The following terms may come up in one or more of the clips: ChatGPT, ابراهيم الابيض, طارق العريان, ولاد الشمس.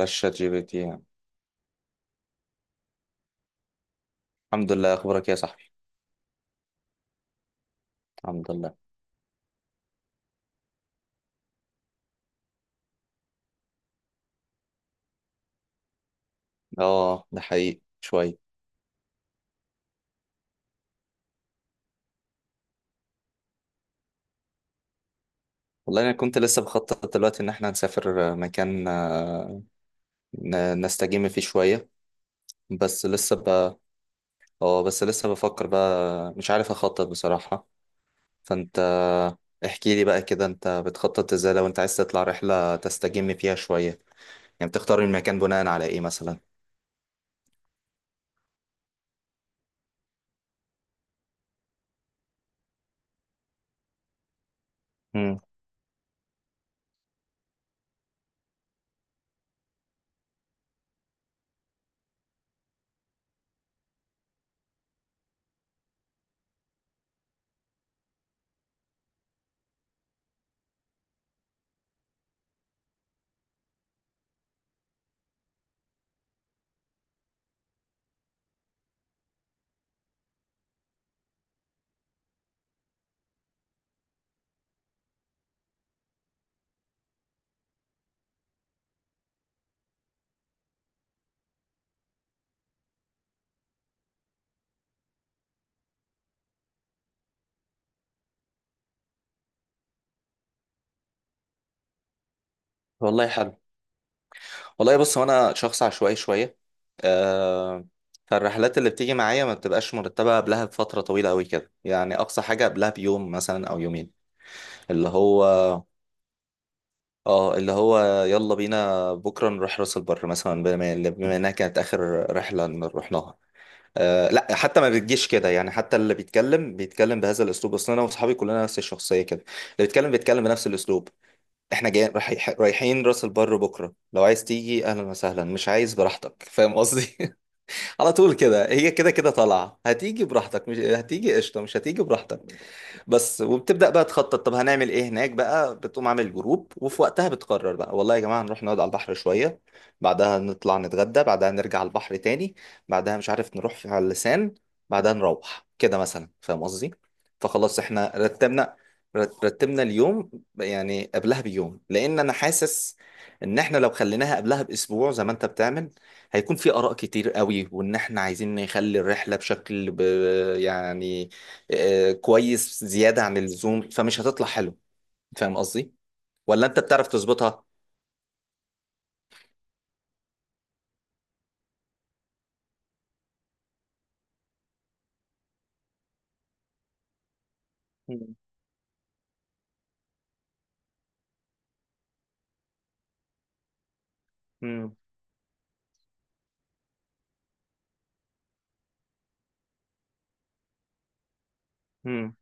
الشات جي بي تي يعني. الحمد لله، اخبارك إيه يا صاحبي؟ الحمد لله. اه، ده حقيقي شويه. والله انا كنت لسه بخطط دلوقتي ان احنا نسافر مكان نستجم فيه شويه. بس لسه ب اه بس لسه بفكر بقى، مش عارف اخطط بصراحه. فانت احكي لي بقى كده، انت بتخطط ازاي لو انت عايز تطلع رحله تستجم فيها شويه؟ يعني بتختار المكان بناء على ايه مثلا؟ امم. والله حلو. والله بص، هو انا شخص عشوائي شويه. آه فالرحلات اللي بتيجي معايا ما بتبقاش مرتبه قبلها بفتره طويله قوي كده، يعني اقصى حاجه قبلها بيوم مثلا او يومين. اللي هو اه اللي هو يلا بينا بكره نروح راس البر مثلا، بما انها كانت اخر رحله إن رحناها. آه لا، حتى ما بتجيش كده يعني، حتى اللي بيتكلم بيتكلم بهذا الاسلوب، اصلا انا واصحابي كلنا نفس الشخصيه كده. اللي بيتكلم بيتكلم بنفس الاسلوب. احنا جايين رايحين راس البر بكره، لو عايز تيجي اهلا وسهلا، مش عايز براحتك، فاهم قصدي؟ على طول كده، هي كده كده طالعه، هتيجي براحتك مش هتيجي قشطه مش هتيجي براحتك. بس وبتبدأ بقى تخطط، طب هنعمل ايه هناك بقى، بتقوم عامل جروب، وفي وقتها بتقرر بقى، والله يا جماعة هنروح نقعد على البحر شوية، بعدها نطلع نتغدى، بعدها نرجع على البحر تاني، بعدها مش عارف نروح في على اللسان، بعدها نروح كده مثلا، فاهم قصدي. فخلاص احنا رتبنا، رتبنا اليوم، يعني قبلها بيوم، لان انا حاسس ان احنا لو خليناها قبلها باسبوع زي ما انت بتعمل، هيكون في اراء كتير قوي، وان احنا عايزين نخلي الرحله بشكل يعني كويس زيادة عن اللزوم، فمش هتطلع حلو، فاهم قصدي؟ ولا انت بتعرف تظبطها؟ مم، مم، مم،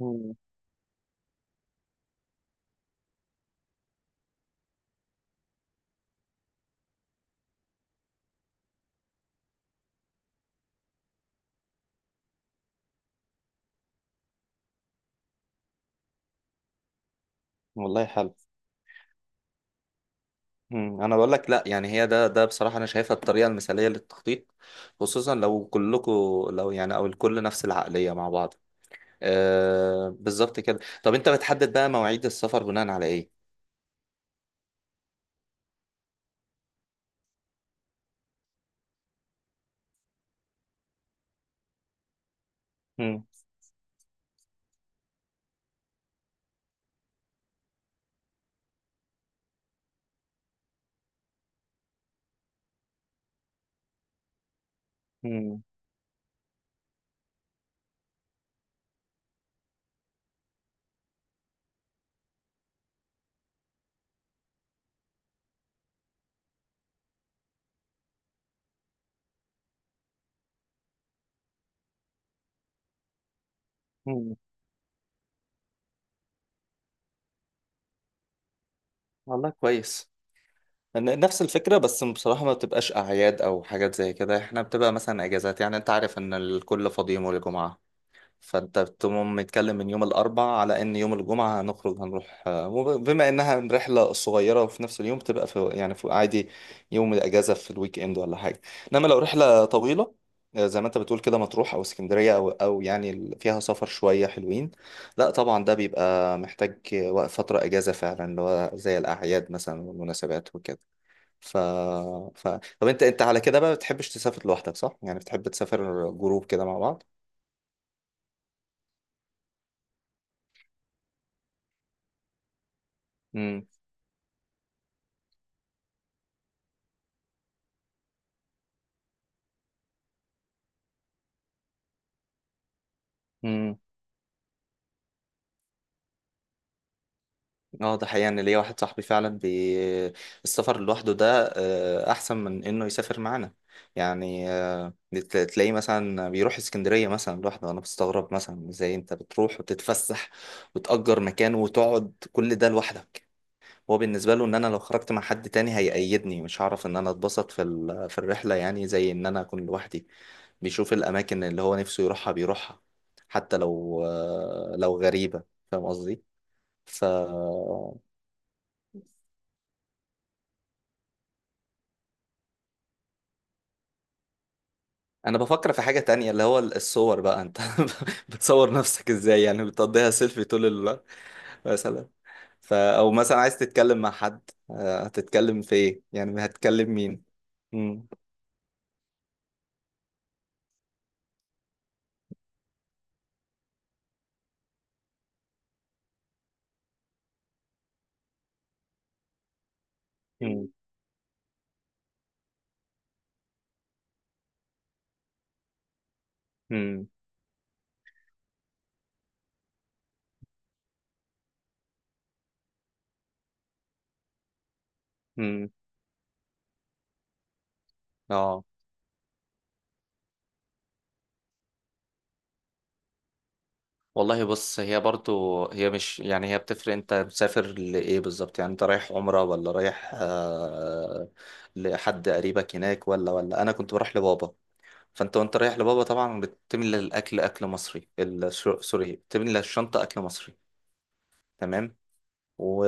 مم. والله حلو. مم. انا بقول لك، لا يعني هي ده بصراحة انا شايفها الطريقة المثالية للتخطيط، خصوصا لو كلكم، لو يعني او الكل نفس العقلية مع بعض. آه بالظبط كده. طب انت بتحدد بقى مواعيد السفر بناء على ايه؟ مم. مم. مم. والله كويس. نفس الفكرة، بس بصراحة ما بتبقاش أعياد أو حاجات زي كده، إحنا بتبقى مثلا أجازات، يعني أنت عارف إن الكل فاضي يوم الجمعة، فأنت بتقوم متكلم من يوم الأربع على إن يوم الجمعة هنخرج هنروح، بما إنها رحلة صغيرة وفي نفس اليوم بتبقى في يعني في عادي، يوم الأجازة في الويك إند ولا حاجة. إنما لو رحلة طويلة، زي ما أنت بتقول كده، مطروح أو اسكندرية أو أو يعني فيها سفر شوية حلوين، لا طبعا ده بيبقى محتاج فترة أجازة فعلا، اللي هو زي الأعياد مثلا والمناسبات وكده. ف... ف... طب انت على كده بقى بتحبش تسافر لوحدك صح؟ يعني بتحب تسافر جروب كده مع بعض؟ امم. امم. اه ده حقيقة، ان ليا واحد صاحبي فعلا السفر لوحده ده احسن من انه يسافر معانا، يعني تلاقيه مثلا بيروح اسكندرية مثلا لوحده، انا بستغرب مثلا ازاي انت بتروح وتتفسح وتأجر مكان وتقعد كل ده لوحدك. هو بالنسبة له ان انا لو خرجت مع حد تاني هيقيدني، مش هعرف ان انا اتبسط في في الرحلة، يعني زي ان انا اكون لوحدي، بيشوف الأماكن اللي هو نفسه يروحها بيروحها، حتى لو، لو غريبة، فاهم قصدي؟ ف أنا بفكر في حاجة تانية اللي هو الصور بقى، أنت بتصور نفسك إزاي؟ يعني بتقضيها سيلفي طول الوقت مثلا؟ أو مثلا عايز تتكلم مع حد، هتتكلم في إيه؟ يعني هتكلم مين؟ مم. مم. مم. مم. آه والله بص، هي برضو هي مش يعني هي بتفرق انت مسافر لإيه بالظبط، يعني انت رايح عمرة ولا رايح لحد قريبك هناك، ولا انا كنت بروح لبابا. فانت وانت رايح لبابا طبعا بتملى الاكل اكل مصري، سوري بتملى الشنطة اكل مصري، تمام. و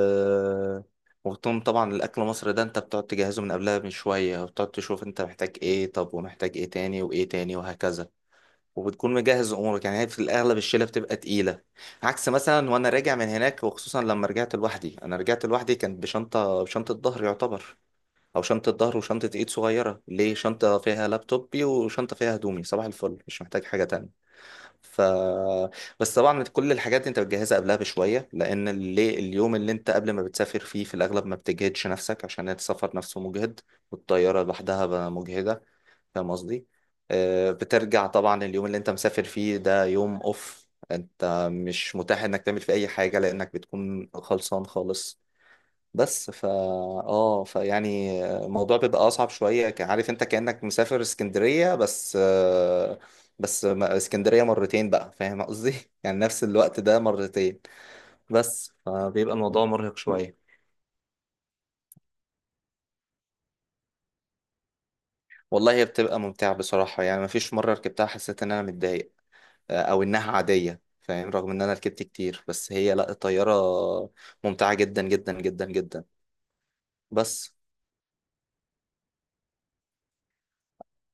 وتقوم طبعا الاكل المصري ده انت بتقعد تجهزه من قبلها بشوية، وبتقعد تشوف انت محتاج ايه، طب ومحتاج ايه تاني وايه تاني وهكذا، وبتكون مجهز امورك. يعني هي في الاغلب الشيله بتبقى تقيله، عكس مثلا وانا راجع من هناك، وخصوصا لما رجعت لوحدي، انا رجعت لوحدي كانت بشنطه، بشنطه ظهر يعتبر، او شنطه ظهر وشنطه ايد صغيره ليه، شنطه فيها لابتوبي وشنطه فيها هدومي، صباح الفل مش محتاج حاجه تانية. ف بس طبعا كل الحاجات دي انت بتجهزها قبلها بشويه، لان اللي اليوم اللي انت قبل ما بتسافر فيه في الاغلب ما بتجهدش نفسك، عشان السفر نفسه مجهد، والطياره لوحدها بقى مجهده، فاهم قصدي. بترجع طبعا، اليوم اللي انت مسافر فيه ده يوم اوف، انت مش متاح انك تعمل فيه اي حاجه لانك بتكون خلصان خالص. بس فا اه فيعني الموضوع بيبقى اصعب شويه، عارف انت كانك مسافر اسكندريه، بس اسكندريه مرتين بقى، فاهم قصدي؟ يعني نفس الوقت ده مرتين، بس فبيبقى الموضوع مرهق شويه. والله هي بتبقى ممتعه بصراحه، يعني مفيش مره ركبتها حسيت ان انا متضايق او انها عاديه، فاهم؟ رغم ان انا ركبت كتير، بس هي لا، الطياره ممتعه جدا جدا جدا جدا. بس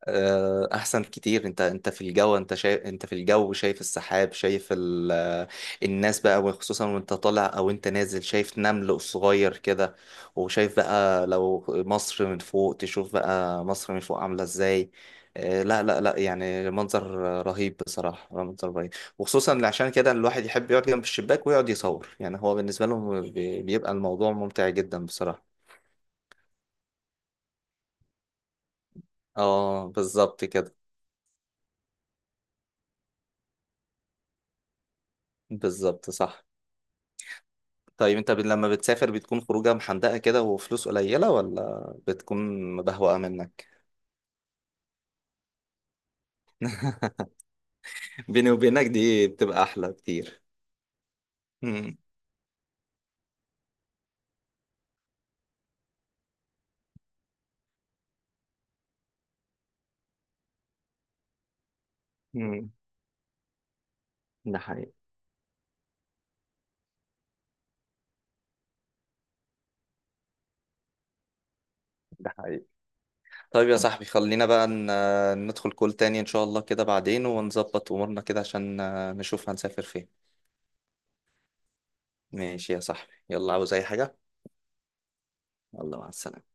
احسن كتير، انت في الجو، انت شايف انت في الجو شايف السحاب، شايف ال... آه، الناس بقى، وخصوصا وانت طالع او انت نازل شايف نمل صغير كده، وشايف بقى لو مصر من فوق تشوف بقى مصر من فوق عاملة ازاي. لا لا لا يعني منظر رهيب بصراحة، منظر رهيب. وخصوصا عشان كده الواحد يحب يقعد جنب الشباك ويقعد يصور، يعني هو بالنسبة لهم بيبقى الموضوع ممتع جدا بصراحة. اه بالظبط كده. بالظبط صح. طيب انت لما بتسافر بتكون خروجه محندقه كده وفلوس قليله، ولا بتكون مبهوقه منك؟ بيني وبينك دي بتبقى احلى كتير. امم. امم. ده حقيقي. ده حقيقي. طيب يا صاحبي خلينا بقى ندخل كول تاني ان شاء الله كده بعدين، ونظبط امورنا كده عشان نشوف هنسافر فين. ماشي يا صاحبي، يلا، عاوز اي حاجه؟ يلا مع السلامه.